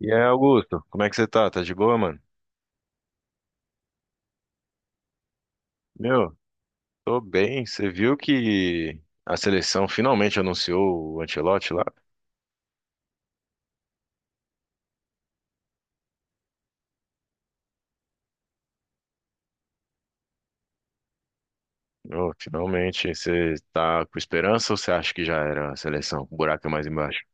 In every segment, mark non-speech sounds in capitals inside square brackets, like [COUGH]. E aí, Augusto, como é que você tá? Tá de boa, mano? Meu, tô bem. Você viu que a seleção finalmente anunciou o Ancelotti lá? Meu, finalmente. Você tá com esperança ou você acha que já era a seleção? O buraco é mais embaixo.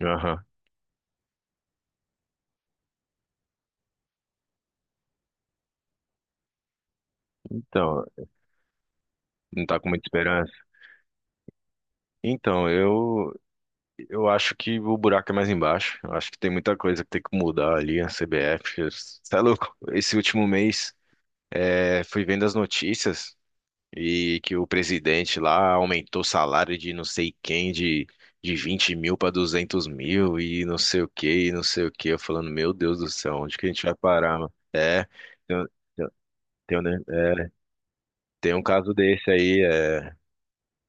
Aham. Então, não tá com muita esperança? Então, eu acho que o buraco é mais embaixo. Eu acho que tem muita coisa que tem que mudar ali, a CBF. Você é louco? Esse último mês, fui vendo as notícias. E que o presidente lá aumentou o salário de não sei quem, de 20 mil para 200 mil e não sei o que, e não sei o que. Eu falando, meu Deus do céu, onde que a gente vai parar, mano? É, tem, um, tem, um, tem, um Tem um caso desse aí,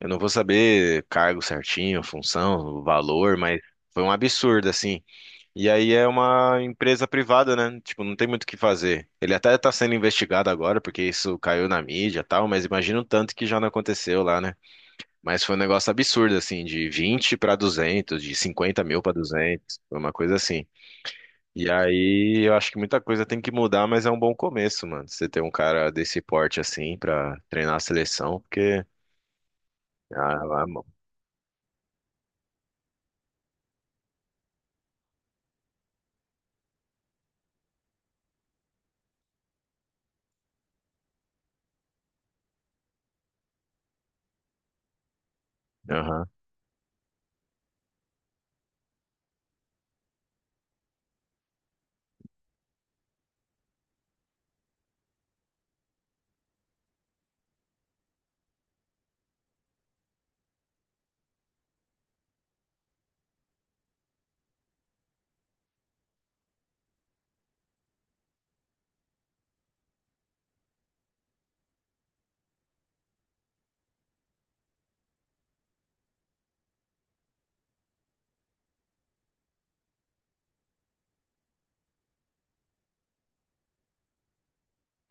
eu não vou saber cargo certinho, função, valor, mas foi um absurdo, assim. E aí é uma empresa privada, né? Tipo, não tem muito o que fazer. Ele até tá sendo investigado agora, porque isso caiu na mídia e tal, mas imagina o tanto que já não aconteceu lá, né? Mas foi um negócio absurdo, assim, de 20 para 200 de 50 mil para 200 foi uma coisa assim. E aí eu acho que muita coisa tem que mudar, mas é um bom começo, mano. Você ter um cara desse porte, assim, pra treinar a seleção, porque. Ah, lá, mano. Aham,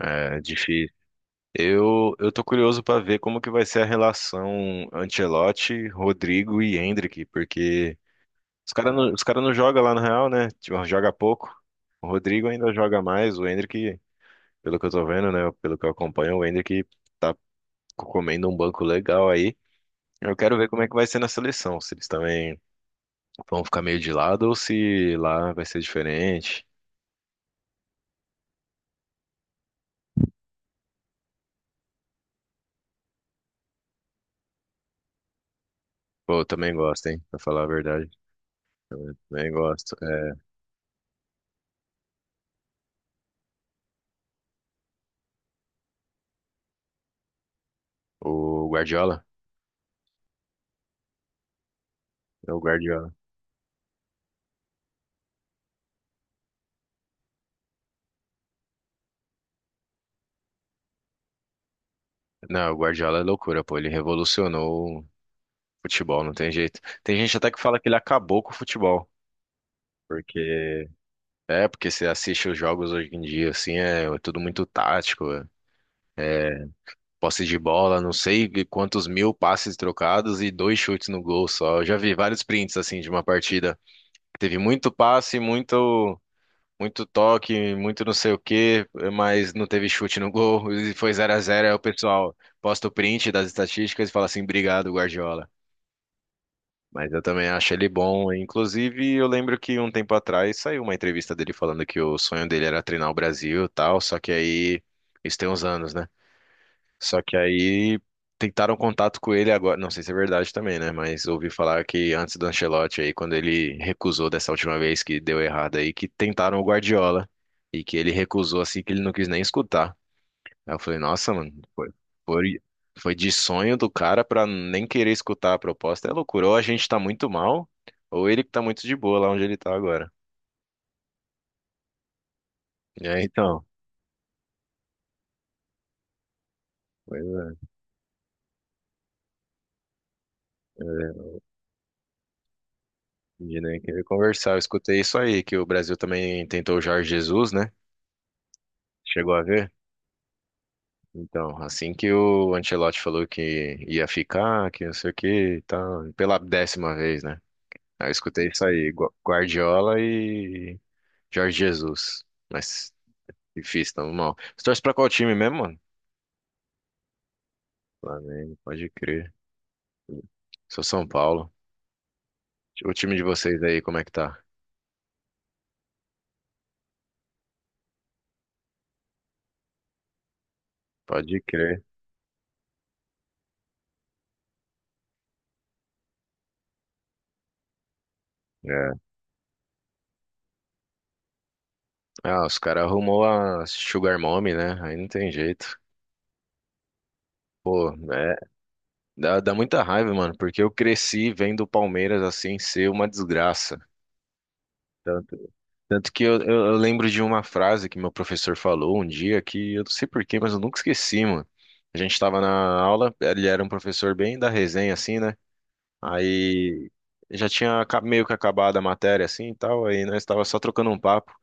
é difícil. Eu tô curioso pra ver como que vai ser a relação Ancelotti, Rodrigo e Endrick, porque os cara não jogam lá no Real, né? Tipo, joga pouco. O Rodrigo ainda joga mais, o Endrick. Pelo que eu tô vendo, né? Pelo que eu acompanho, o Endrick tá comendo um banco legal aí. Eu quero ver como é que vai ser na seleção, se eles também vão ficar meio de lado ou se lá vai ser diferente. Pô, eu também gosto, hein? Pra falar a verdade. Também gosto. É, o Guardiola? É o Guardiola. Não, o Guardiola é loucura, pô. Ele revolucionou o futebol, não tem jeito. Tem gente até que fala que ele acabou com o futebol. Porque. Porque você assiste os jogos hoje em dia, assim, é tudo muito tático. é, posse de bola, não sei quantos mil passes trocados e dois chutes no gol só. Eu já vi vários prints assim de uma partida que teve muito passe, muito muito toque, muito não sei o quê, mas não teve chute no gol [LAUGHS] e foi 0-0. Aí o pessoal posta o print das estatísticas e fala assim: "Obrigado, Guardiola". Mas eu também acho ele bom. Inclusive, eu lembro que um tempo atrás saiu uma entrevista dele falando que o sonho dele era treinar o Brasil e tal, só que aí isso tem uns anos, né? Só que aí tentaram contato com ele agora, não sei se é verdade também, né? Mas ouvi falar que antes do Ancelotti aí, quando ele recusou dessa última vez que deu errado aí, que tentaram o Guardiola e que ele recusou assim que ele não quis nem escutar. Aí eu falei, nossa, mano, foi, foi de sonho do cara pra nem querer escutar a proposta. É loucura, ou a gente tá muito mal, ou ele que tá muito de boa lá onde ele tá agora. E aí, então, pois é, de nem querer conversar. Eu escutei isso aí, que o Brasil também tentou o Jorge Jesus, né? Chegou a ver? Então, assim que o Ancelotti falou que ia ficar, que não sei o que tá pela 10ª vez, né? Aí eu escutei isso aí, Guardiola e Jorge Jesus. Mas difícil, tamo mal. Você torce pra qual time mesmo, mano? Flamengo, pode crer. Sou São Paulo. O time de vocês aí, como é que tá? Pode crer. É. Ah, os caras arrumou a Sugar Mommy, né? Aí não tem jeito. Pô, dá muita raiva, mano, porque eu cresci vendo o Palmeiras assim ser uma desgraça. Tanto, tanto que eu lembro de uma frase que meu professor falou um dia que eu não sei porquê, mas eu nunca esqueci, mano. A gente tava na aula, ele era um professor bem da resenha, assim, né? Aí já tinha meio que acabado a matéria, assim e tal, aí nós tava só trocando um papo.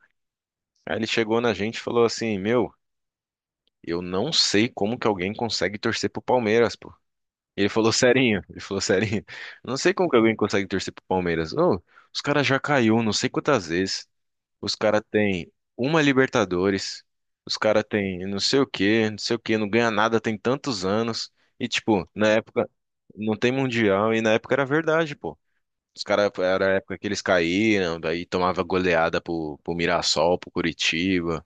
Aí ele chegou na gente e falou assim: Meu, eu não sei como que alguém consegue torcer pro Palmeiras, pô. Ele falou serinho, ele falou serinho. Não sei como que alguém consegue torcer pro Palmeiras. Ô, os caras já caiu não sei quantas vezes. Os caras têm uma Libertadores. Os caras têm não sei o quê, não sei o quê, não ganha nada tem tantos anos. E tipo, na época não tem mundial e na época era verdade, pô. Os caras era a época que eles caíram, daí tomava goleada pro Mirassol, pro Curitiba.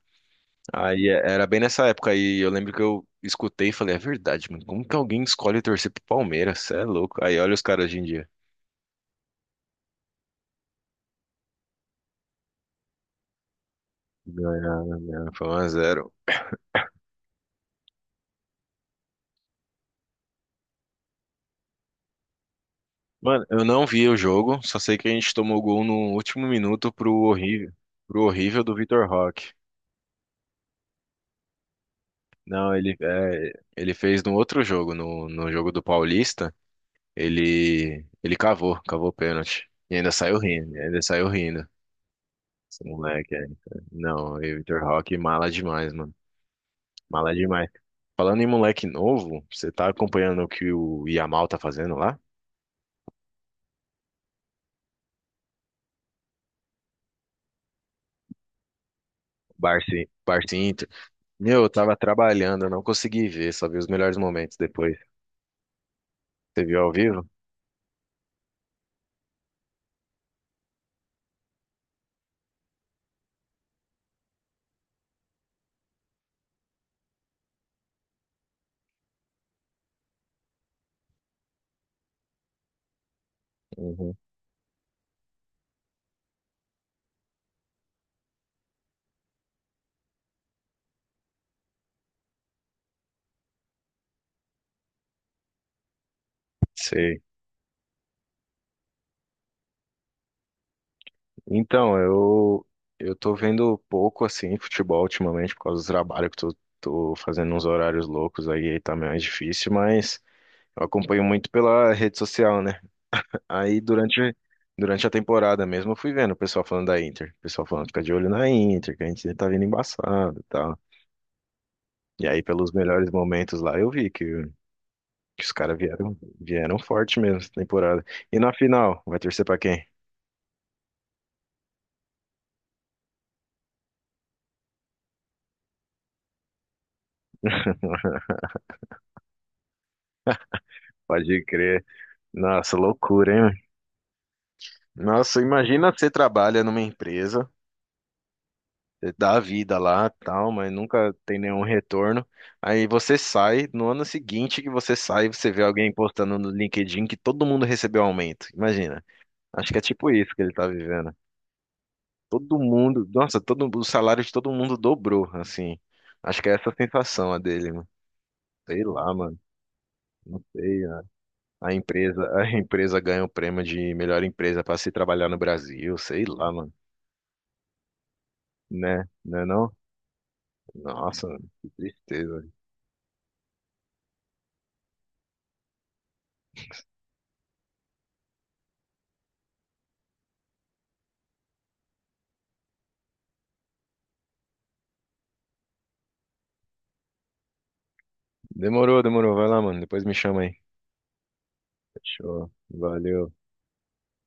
Aí era bem nessa época aí, eu lembro que eu escutei e falei, é verdade, mano, como que alguém escolhe torcer pro Palmeiras? Cê é louco. Aí olha os caras hoje em dia. Ganharam, né? Foi 1x0. Mano, eu não vi o jogo, só sei que a gente tomou gol no último minuto pro horrível do Vitor Roque. Não, ele fez no outro jogo, no jogo do Paulista, ele cavou, cavou o pênalti. E ainda saiu rindo, ainda saiu rindo. Esse moleque, é. Não, e o Vitor Roque mala demais, mano. Mala demais. Falando em moleque novo, você tá acompanhando o que o Yamal tá fazendo lá? Barça, Barça e Inter. Meu, eu tava trabalhando, eu não consegui ver, só vi os melhores momentos depois. Você viu ao vivo? Uhum. Sei. Então, eu tô vendo pouco assim futebol ultimamente por causa do trabalho que tô fazendo uns horários loucos aí, aí tá mais difícil, mas eu acompanho muito pela rede social, né? Aí durante a temporada mesmo eu fui vendo o pessoal falando da Inter. O pessoal falando, fica de olho na Inter, que a gente tá vindo embaçado e tal. E aí pelos melhores momentos lá eu vi que os caras vieram, vieram forte mesmo essa temporada. E na final, vai torcer pra quem? Pode crer. Nossa, loucura, hein? Nossa, imagina você trabalha numa empresa dá a vida lá, tal, mas nunca tem nenhum retorno. Aí você sai, no ano seguinte que você sai, você vê alguém postando no LinkedIn que todo mundo recebeu aumento. Imagina. Acho que é tipo isso que ele tá vivendo. Todo mundo, nossa, todo o salário de todo mundo dobrou, assim. Acho que é essa a sensação a dele, mano. Sei lá, mano. Não sei. A empresa, a [LAUGHS] empresa ganha o prêmio de melhor empresa para se trabalhar no Brasil, sei lá, mano. Né? Né não? Nossa, mano, que tristeza. Demorou, demorou. Vai lá, mano. Depois me chama aí. Fechou. Valeu.